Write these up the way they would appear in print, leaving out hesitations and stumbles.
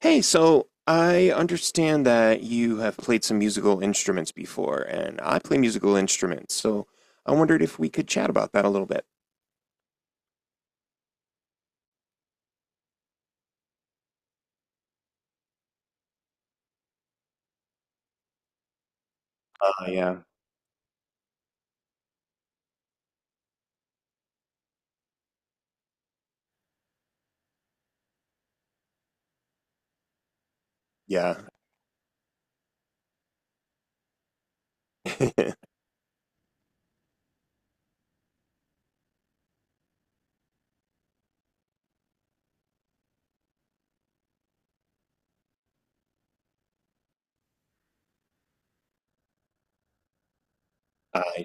Hey, so I understand that you have played some musical instruments before, and I play musical instruments, so I wondered if we could chat about that a little bit. Uh, yeah, yeah. I,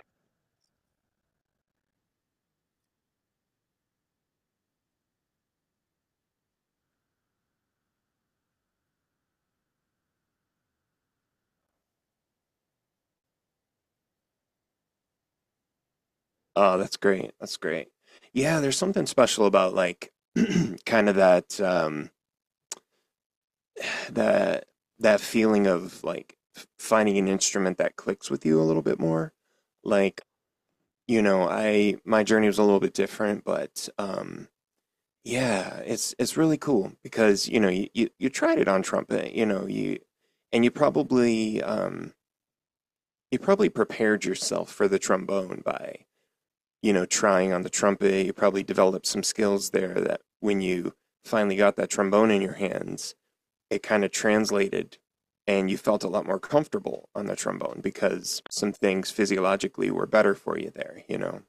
oh, that's great. That's great. Yeah, there's something special about like, kind of that, that that feeling of like finding an instrument that clicks with you a little bit more. Like, you know, I my journey was a little bit different, but, yeah, it's really cool because you know you tried it on trumpet, you know you, and you probably prepared yourself for the trombone by you know trying on the trumpet. You probably developed some skills there that when you finally got that trombone in your hands, it kind of translated, and you felt a lot more comfortable on the trombone because some things physiologically were better for you there. You know,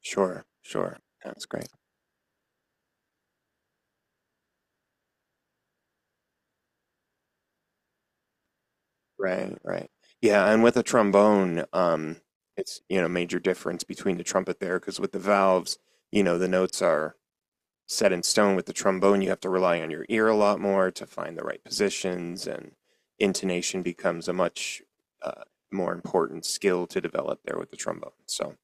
sure, sure, that's great. Right, right. Yeah, and with a trombone, it's, you know, major difference between the trumpet there, because with the valves, you know, the notes are set in stone. With the trombone, you have to rely on your ear a lot more to find the right positions, and intonation becomes a much uh, more important skill to develop there with the trombone. So,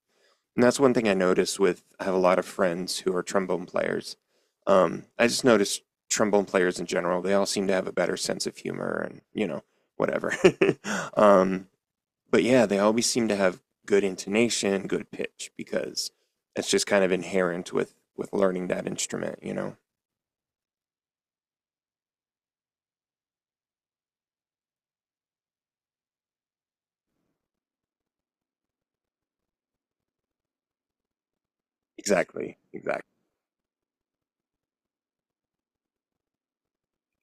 and that's one thing I notice with I have a lot of friends who are trombone players. I just noticed trombone players in general, they all seem to have a better sense of humor and, you know, whatever. um, but yeah, they always seem to have good intonation, good pitch because it's just kind of inherent with learning that instrument, you know. Exactly. Exactly.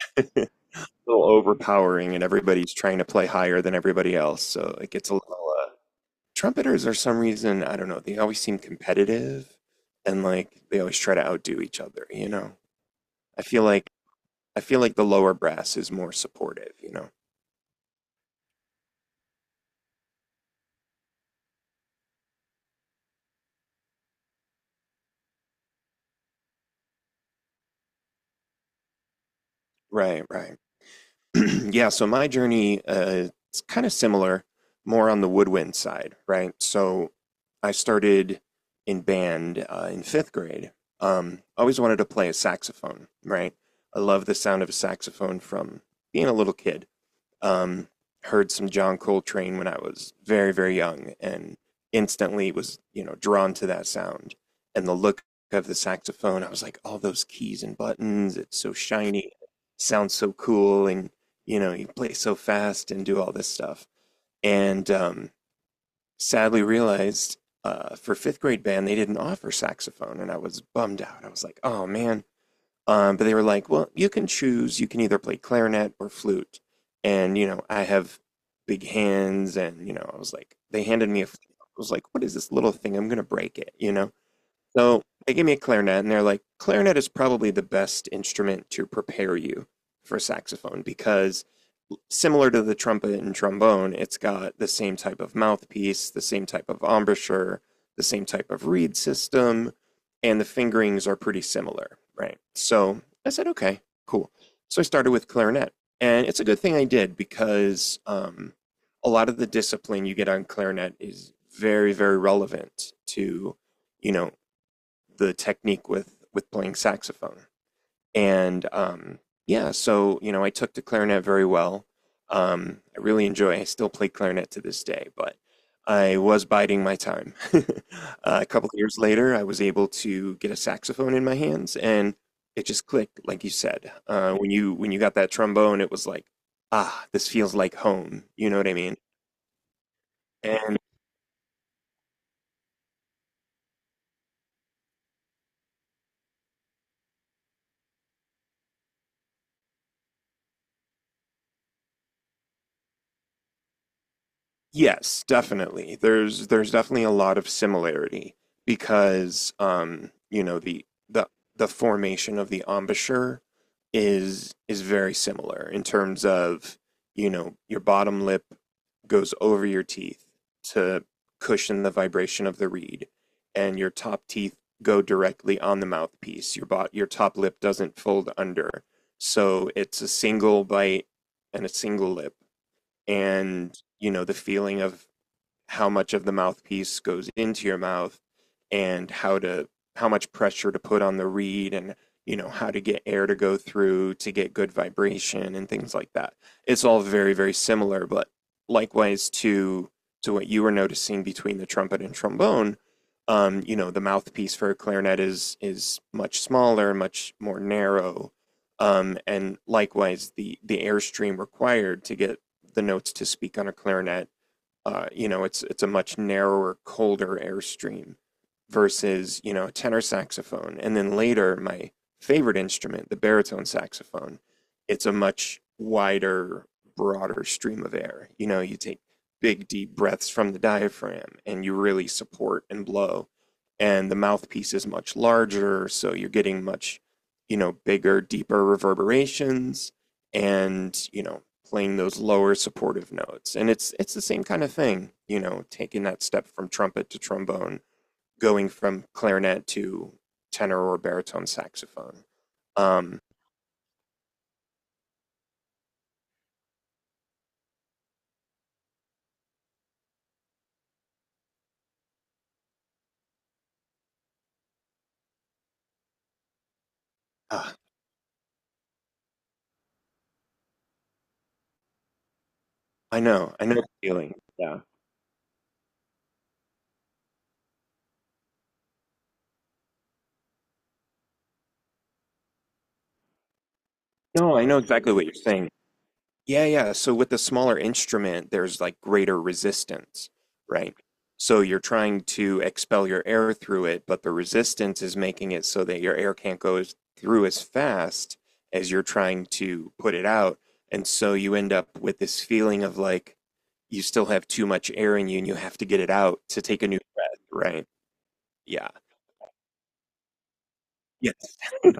A little overpowering and everybody's trying to play higher than everybody else, so it gets a little trumpeters are some reason I don't know. They always seem competitive, and like they always try to outdo each other. You know, I feel like I feel like the lower brass is more supportive. You know, right, right, yeah. So my journey, it's kind of similar, more on the woodwind side, right? So I started in band in fifth grade. Always wanted to play a saxophone, right? I love the sound of a saxophone from being a little kid. Um, heard some John Coltrane when I was very, very young and instantly was, you know, drawn to that sound. And the look of the saxophone, I was like, all those keys and buttons, it's so shiny, sounds so cool. And, you know, you play so fast and do all this stuff. And sadly realized for fifth grade band, they didn't offer saxophone. And I was bummed out. I was like, oh man, but they were like, well, you can choose. You can either play clarinet or flute. And, you know, I have big hands. And, you know, I was like, they handed me a, flute. I was like, what is this little thing? I'm going to break it, you know? So they gave me a clarinet and they're like, clarinet is probably the best instrument to prepare you for saxophone because similar to the trumpet and trombone, it's got the same type of mouthpiece, the same type of embouchure, the same type of reed system, and the fingerings are pretty similar, right? So I said, okay, cool. So I started with clarinet. And it's a good thing I did because a lot of the discipline you get on clarinet is very, very relevant to, you know, the technique with playing saxophone. And yeah, so you know, I took to clarinet very well. I really enjoy. I still play clarinet to this day, but I was biding my time. A couple of years later, I was able to get a saxophone in my hands, and it just clicked, like you said. When you got that trombone, it was like, ah, this feels like home. You know what I mean? Yes, definitely. There's definitely a lot of similarity because you know, the formation of the embouchure is very similar in terms of, you know, your bottom lip goes over your teeth to cushion the vibration of the reed, and your top teeth go directly on the mouthpiece. Your top lip doesn't fold under. So it's a single bite and a single lip and you know the feeling of how much of the mouthpiece goes into your mouth and how much pressure to put on the reed and you know how to get air to go through to get good vibration and things like that, it's all very, very similar, but likewise to what you were noticing between the trumpet and trombone, um, you know the mouthpiece for a clarinet is much smaller, much more narrow. Um, and likewise, the airstream required to get the notes to speak on a clarinet, you know, it's a much narrower, colder airstream versus you know a tenor saxophone, and then later my favorite instrument, the baritone saxophone, it's a much wider, broader stream of air. You know, you take big deep breaths from the diaphragm and you really support and blow, and the mouthpiece is much larger, so you're getting much, you know, bigger, deeper reverberations. And you know, playing those lower supportive notes. And it's the same kind of thing, you know, taking that step from trumpet to trombone, going from clarinet to tenor or baritone saxophone. Um, ah, I know the feeling. Yeah. No, I know exactly what you're saying. Yeah, yeah. So with the smaller instrument, there's like greater resistance, right? So you're trying to expel your air through it, but the resistance is making it so that your air can't go as- through as fast as you're trying to put it out. And so you end up with this feeling of like you still have too much air in you and you have to get it out to take a new breath, right? Yeah. Yes.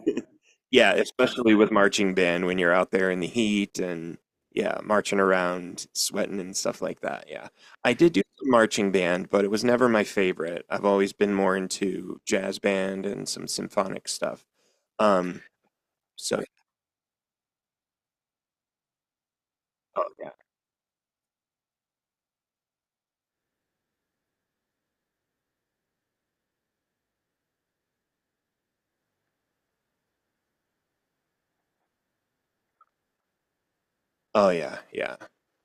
Yeah, especially with marching band when you're out there in the heat and yeah, marching around, sweating and stuff like that. Yeah. I did do some marching band, but it was never my favorite. I've always been more into jazz band and some symphonic stuff. Um, so oh yeah, yeah.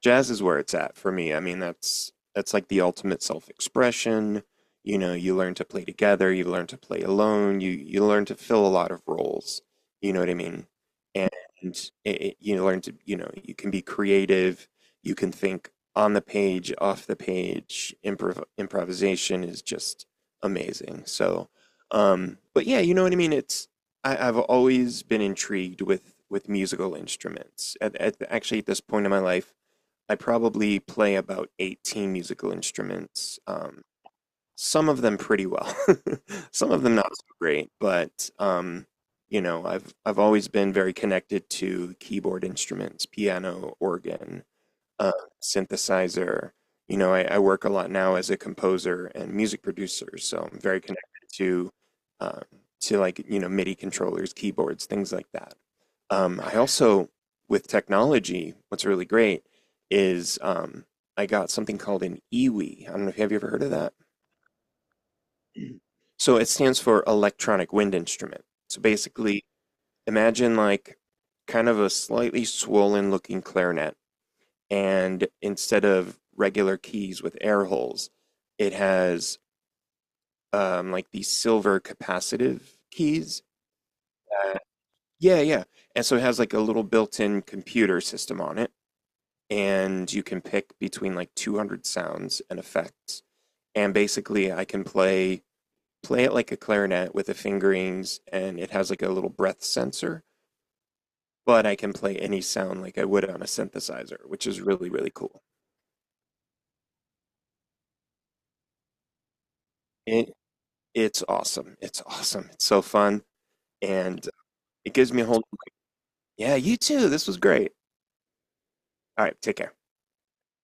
Jazz is where it's at for me. I mean, that's like the ultimate self-expression. You know, you learn to play together, you learn to play alone, you learn to fill a lot of roles. You know what I mean? And you learn to, you know, you can be creative, you can think on the page, off the page. Improvisation is just amazing. So, but yeah, you know what I mean? It's, I've always been intrigued with musical instruments. At actually at this point in my life, I probably play about 18 musical instruments. Some of them pretty well, some of them not so great, but you know, I've always been very connected to keyboard instruments, piano, organ, uh, synthesizer. You know, I work a lot now as a composer and music producer, so I'm very connected to um, to like you know MIDI controllers, keyboards, things like that. I also, with technology, what's really great is I got something called an EWI. I don't know if have you ever heard of that. So it stands for electronic wind instrument. So basically, imagine like kind of a slightly swollen looking clarinet, and instead of regular keys with air holes, it has like these silver capacitive keys. Uh, yeah, yeah. And so it has like a little built-in computer system on it, and you can pick between like 200 sounds and effects. And basically, I can play it like a clarinet with the fingerings, and it has like a little breath sensor. But I can play any sound like I would on a synthesizer, which is really, really cool. It, it's awesome. It's awesome. It's so fun. And it gives me a whole, like, yeah, you too. This was great. All right, take care.